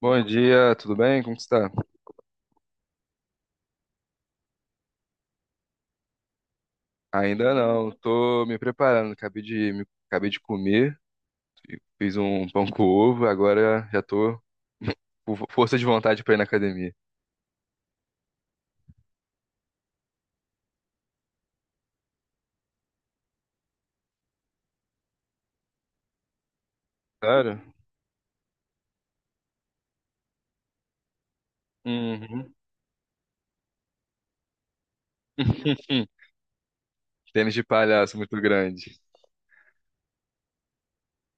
Bom dia, tudo bem? Como que está? Ainda não, tô me preparando. Acabei de comer, fiz um pão com ovo, agora já tô com força de vontade para ir na academia. Claro? Uhum. Tênis de palhaço muito grande.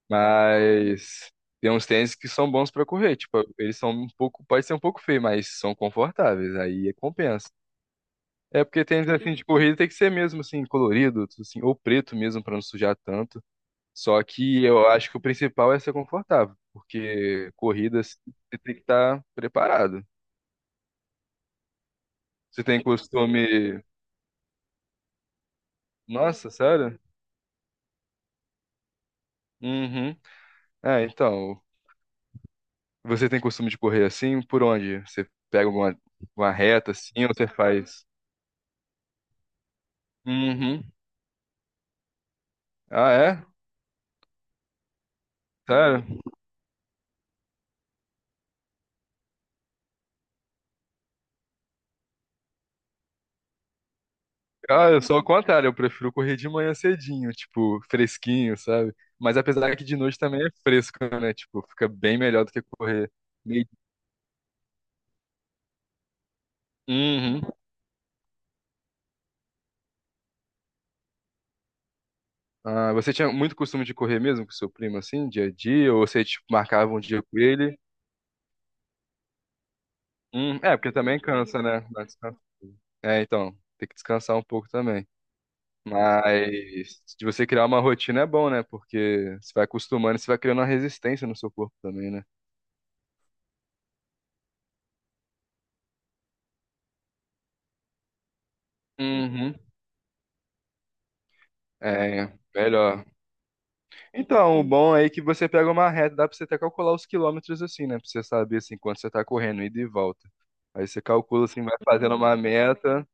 Mas tem uns tênis que são bons para correr, tipo, eles são um pouco, pode ser um pouco feio, mas são confortáveis, aí compensa. É porque tênis assim de corrida tem que ser mesmo assim colorido, assim, ou preto mesmo para não sujar tanto. Só que eu acho que o principal é ser confortável, porque corridas você tem que estar preparado. Você tem costume. Nossa, sério? Uhum. É, então, você tem costume de correr assim? Por onde? Uma reta assim ou você faz? Uhum. Ah, é? Sério? Ah, eu sou ao contrário, eu prefiro correr de manhã cedinho, tipo, fresquinho, sabe? Mas apesar que de noite também é fresco, né? Tipo, fica bem melhor do que correr meio. Uhum. Ah, você tinha muito costume de correr mesmo com seu primo, assim, dia a dia? Ou você, tipo, marcava um dia com ele? É, porque também cansa, né? Dá descanso. É, então, tem que descansar um pouco também. Mas de você criar uma rotina é bom, né? Porque você vai acostumando, e você vai criando uma resistência no seu corpo também, né? Uhum. É, melhor. Então, o bom aí é que você pega uma reta, dá pra você até calcular os quilômetros assim, né? Pra você saber assim quanto você tá correndo, ida e volta. Aí você calcula assim, vai fazendo uma meta.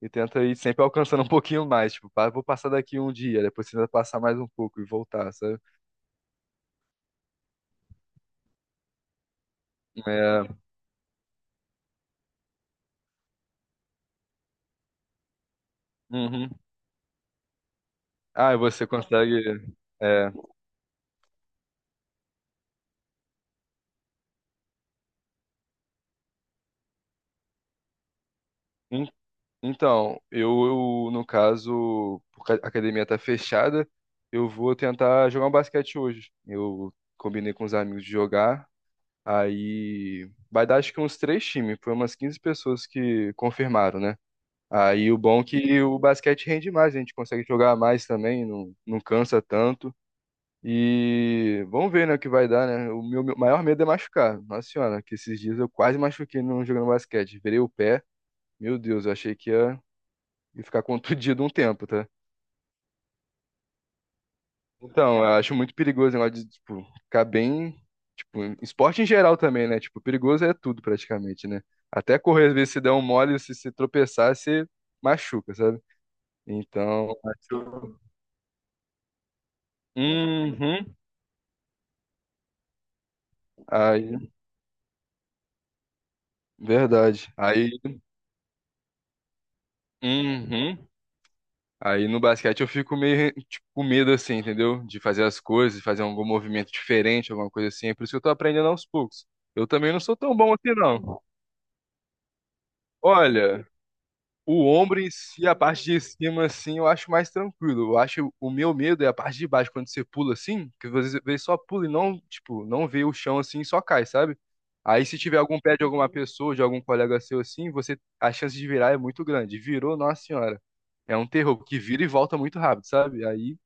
E tenta ir sempre alcançando um pouquinho mais. Tipo, pá, vou passar daqui um dia, depois tenta passar mais um pouco e voltar, sabe? É. Uhum. Ah, e você consegue. É. En- Então, no caso, porque a academia tá fechada, eu vou tentar jogar um basquete hoje. Eu combinei com os amigos de jogar. Aí vai dar acho que uns três times, foi umas 15 pessoas que confirmaram, né? Aí o bom é que o basquete rende mais, a gente consegue jogar mais também, não cansa tanto. E vamos ver, né, o que vai dar, né? Meu maior medo é machucar. Nossa senhora, que esses dias eu quase machuquei no jogando basquete. Virei o pé. Meu Deus, eu achei que ia ficar contundido um tempo, tá? Então, eu acho muito perigoso o negócio de, tipo, ficar bem. Tipo, em esporte em geral também, né? Tipo, perigoso é tudo praticamente, né? Até correr, às vezes, se der um mole, se tropeçar, você machuca, sabe? Então, acho- Uhum. Aí, verdade. Aí, uhum. Aí no basquete eu fico meio tipo, com medo assim, entendeu? De fazer as coisas, de fazer algum movimento diferente, alguma coisa assim. É por isso que eu tô aprendendo aos poucos. Eu também não sou tão bom assim, não. Olha, o ombro em si, a parte de cima, assim, eu acho mais tranquilo. Eu acho o meu medo é a parte de baixo, quando você pula assim, que você vê só pula e não, tipo, não vê o chão assim e só cai, sabe? Aí se tiver algum pé de alguma pessoa, de algum colega seu assim, você a chance de virar é muito grande. Virou, nossa senhora. É um terror, porque vira e volta muito rápido, sabe? Aí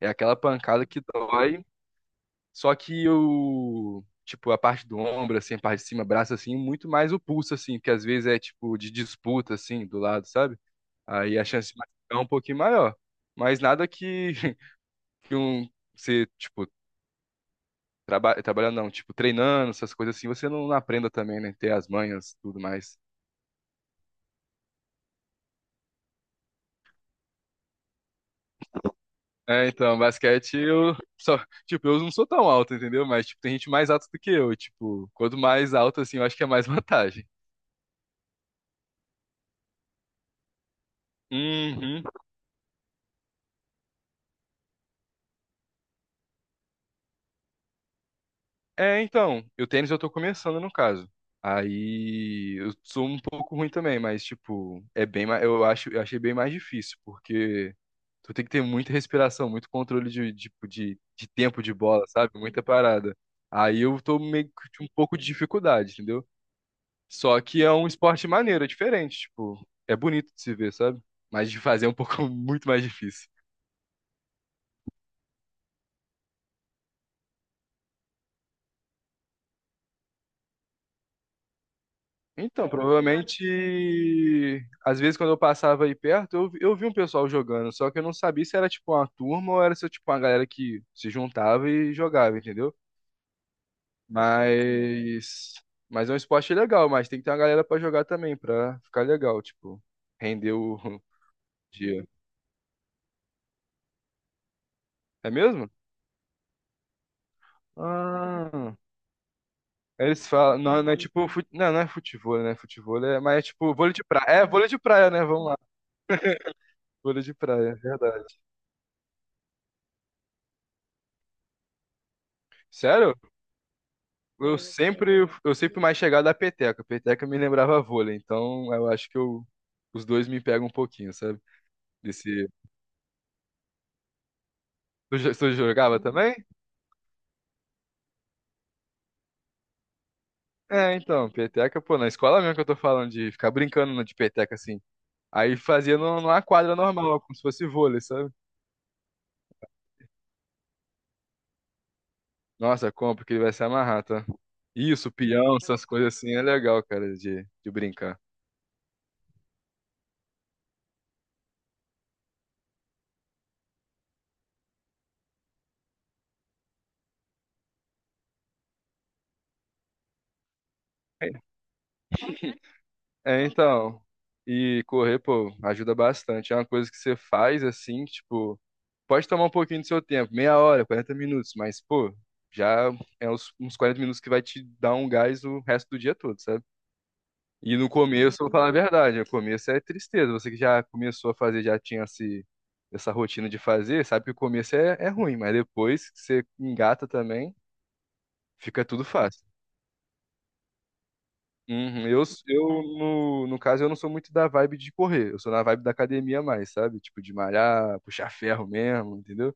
é aquela pancada que dói, só que o, tipo, a parte do ombro, assim, a parte de cima, braço, assim, muito mais o pulso, assim, que às vezes é, tipo, de disputa, assim, do lado, sabe? Aí a chance de machucar é um pouquinho maior. Mas nada que, que um, você, tipo, trabalhando, não, tipo, treinando, essas coisas assim, você não aprenda também, né? Ter as manhas, tudo mais. É, então, basquete, eu só, tipo, eu não sou tão alto, entendeu? Mas, tipo, tem gente mais alta do que eu, e, tipo, quanto mais alto, assim, eu acho que é mais vantagem. Uhum. É, então, o tênis eu tô começando no caso. Aí eu sou um pouco ruim também, mas tipo, é bem, eu acho, eu achei bem mais difícil, porque tu tem que ter muita respiração, muito controle de tempo de bola, sabe? Muita parada. Aí eu tô meio que com um pouco de dificuldade, entendeu? Só que é um esporte maneiro, é diferente, tipo, é bonito de se ver, sabe? Mas de fazer é um pouco muito mais difícil. Então, provavelmente, às vezes quando eu passava aí perto, eu vi um pessoal jogando, só que eu não sabia se era tipo uma turma ou era se tipo uma galera que se juntava e jogava, entendeu? Mas, mas é um esporte legal, mas tem que ter uma galera pra jogar também, pra ficar legal, tipo, render o dia. É mesmo? Ah, eles falam, não é tipo, não, não é futebol, né? Futebol é, mas é tipo vôlei de praia. É, vôlei de praia, né? Vamos lá. Vôlei de praia, é verdade. Sério? Eu eu sempre mais chegado à peteca. Peteca me lembrava vôlei, então eu acho que eu, os dois me pegam um pouquinho, sabe? Desse, tu, tu jogava também? É, então, peteca, pô, na escola mesmo que eu tô falando de ficar brincando de peteca assim. Aí fazia numa quadra normal, como se fosse vôlei, sabe? Nossa, compra que ele vai se amarrar, tá? Isso, peão, essas coisas assim é legal, cara, de brincar. É, então. E correr, pô, ajuda bastante. É uma coisa que você faz assim, tipo. Pode tomar um pouquinho do seu tempo, meia hora, 40 minutos, mas, pô, já é uns 40 minutos que vai te dar um gás o resto do dia todo, sabe? E no começo, eu vou falar a verdade, no começo é tristeza. Você que já começou a fazer, já tinha esse, essa rotina de fazer, sabe que o começo é, é ruim, mas depois que você engata também, fica tudo fácil. Uhum. Eu no, no caso, eu não sou muito da vibe de correr, eu sou na vibe da academia mais, sabe? Tipo, de malhar, puxar ferro mesmo, entendeu?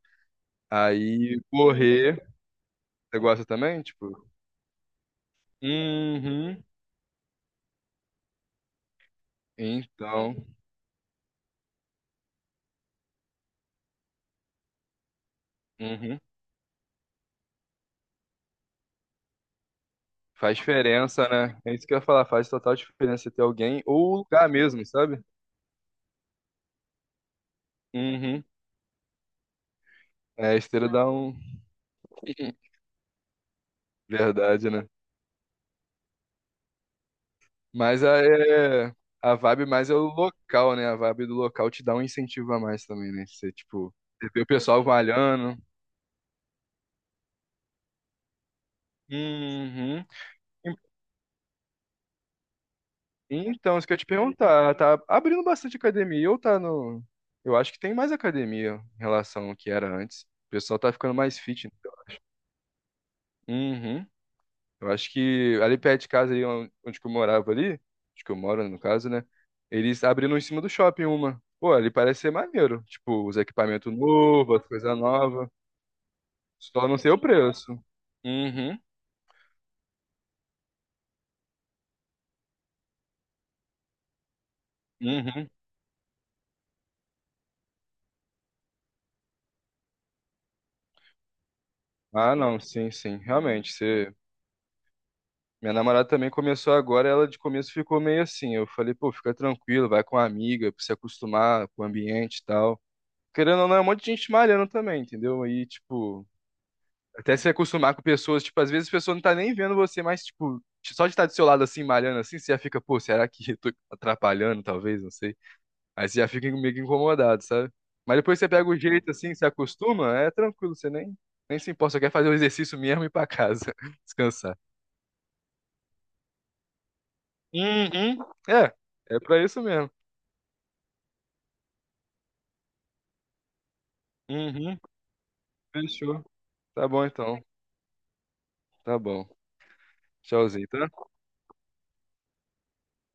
Aí, correr, você gosta também? Tipo. Uhum. Então, uhum. Faz diferença, né? É isso que eu ia falar, faz total diferença ter alguém ou o lugar mesmo, sabe? Uhum. É, a esteira dá um. Verdade, né? Mas a, é- a vibe mais é o local, né? A vibe do local te dá um incentivo a mais também, né? Você, tipo, você vê o pessoal malhando. Uhum. En- Então, isso que eu ia te perguntar, tá abrindo bastante academia ou tá no. Eu acho que tem mais academia em relação ao que era antes. O pessoal tá ficando mais fit. Né? Uhum. Eu acho que ali perto de casa, ali onde que eu morava ali, onde que eu moro, no caso, né? Eles abriram em cima do shopping uma. Pô, ali parece ser maneiro. Tipo, os equipamentos novos, as coisas novas. Só não sei o preço. Uhum, uhum. Ah, não, sim, sim. Realmente, você... Minha namorada também começou agora, ela de começo ficou meio assim. Eu falei, pô, fica tranquilo, vai com a amiga, pra se acostumar com o ambiente e tal. Querendo ou não, é um monte de gente malhando também, entendeu? Aí, tipo, até se acostumar com pessoas, tipo, às vezes a pessoa não tá nem vendo você, mas, tipo, só de estar do seu lado assim, malhando assim, você já fica, pô, será que eu tô atrapalhando, talvez, não sei. Aí você já fica meio que incomodado, sabe? Mas depois você pega o jeito assim, se acostuma, é tranquilo, você nem, nem se importa, só quer fazer o exercício mesmo e ir pra casa, descansar. Uhum. É, é pra isso mesmo. Uhum. Fechou. Tá bom então. Tá bom. Tchauzinho, tá?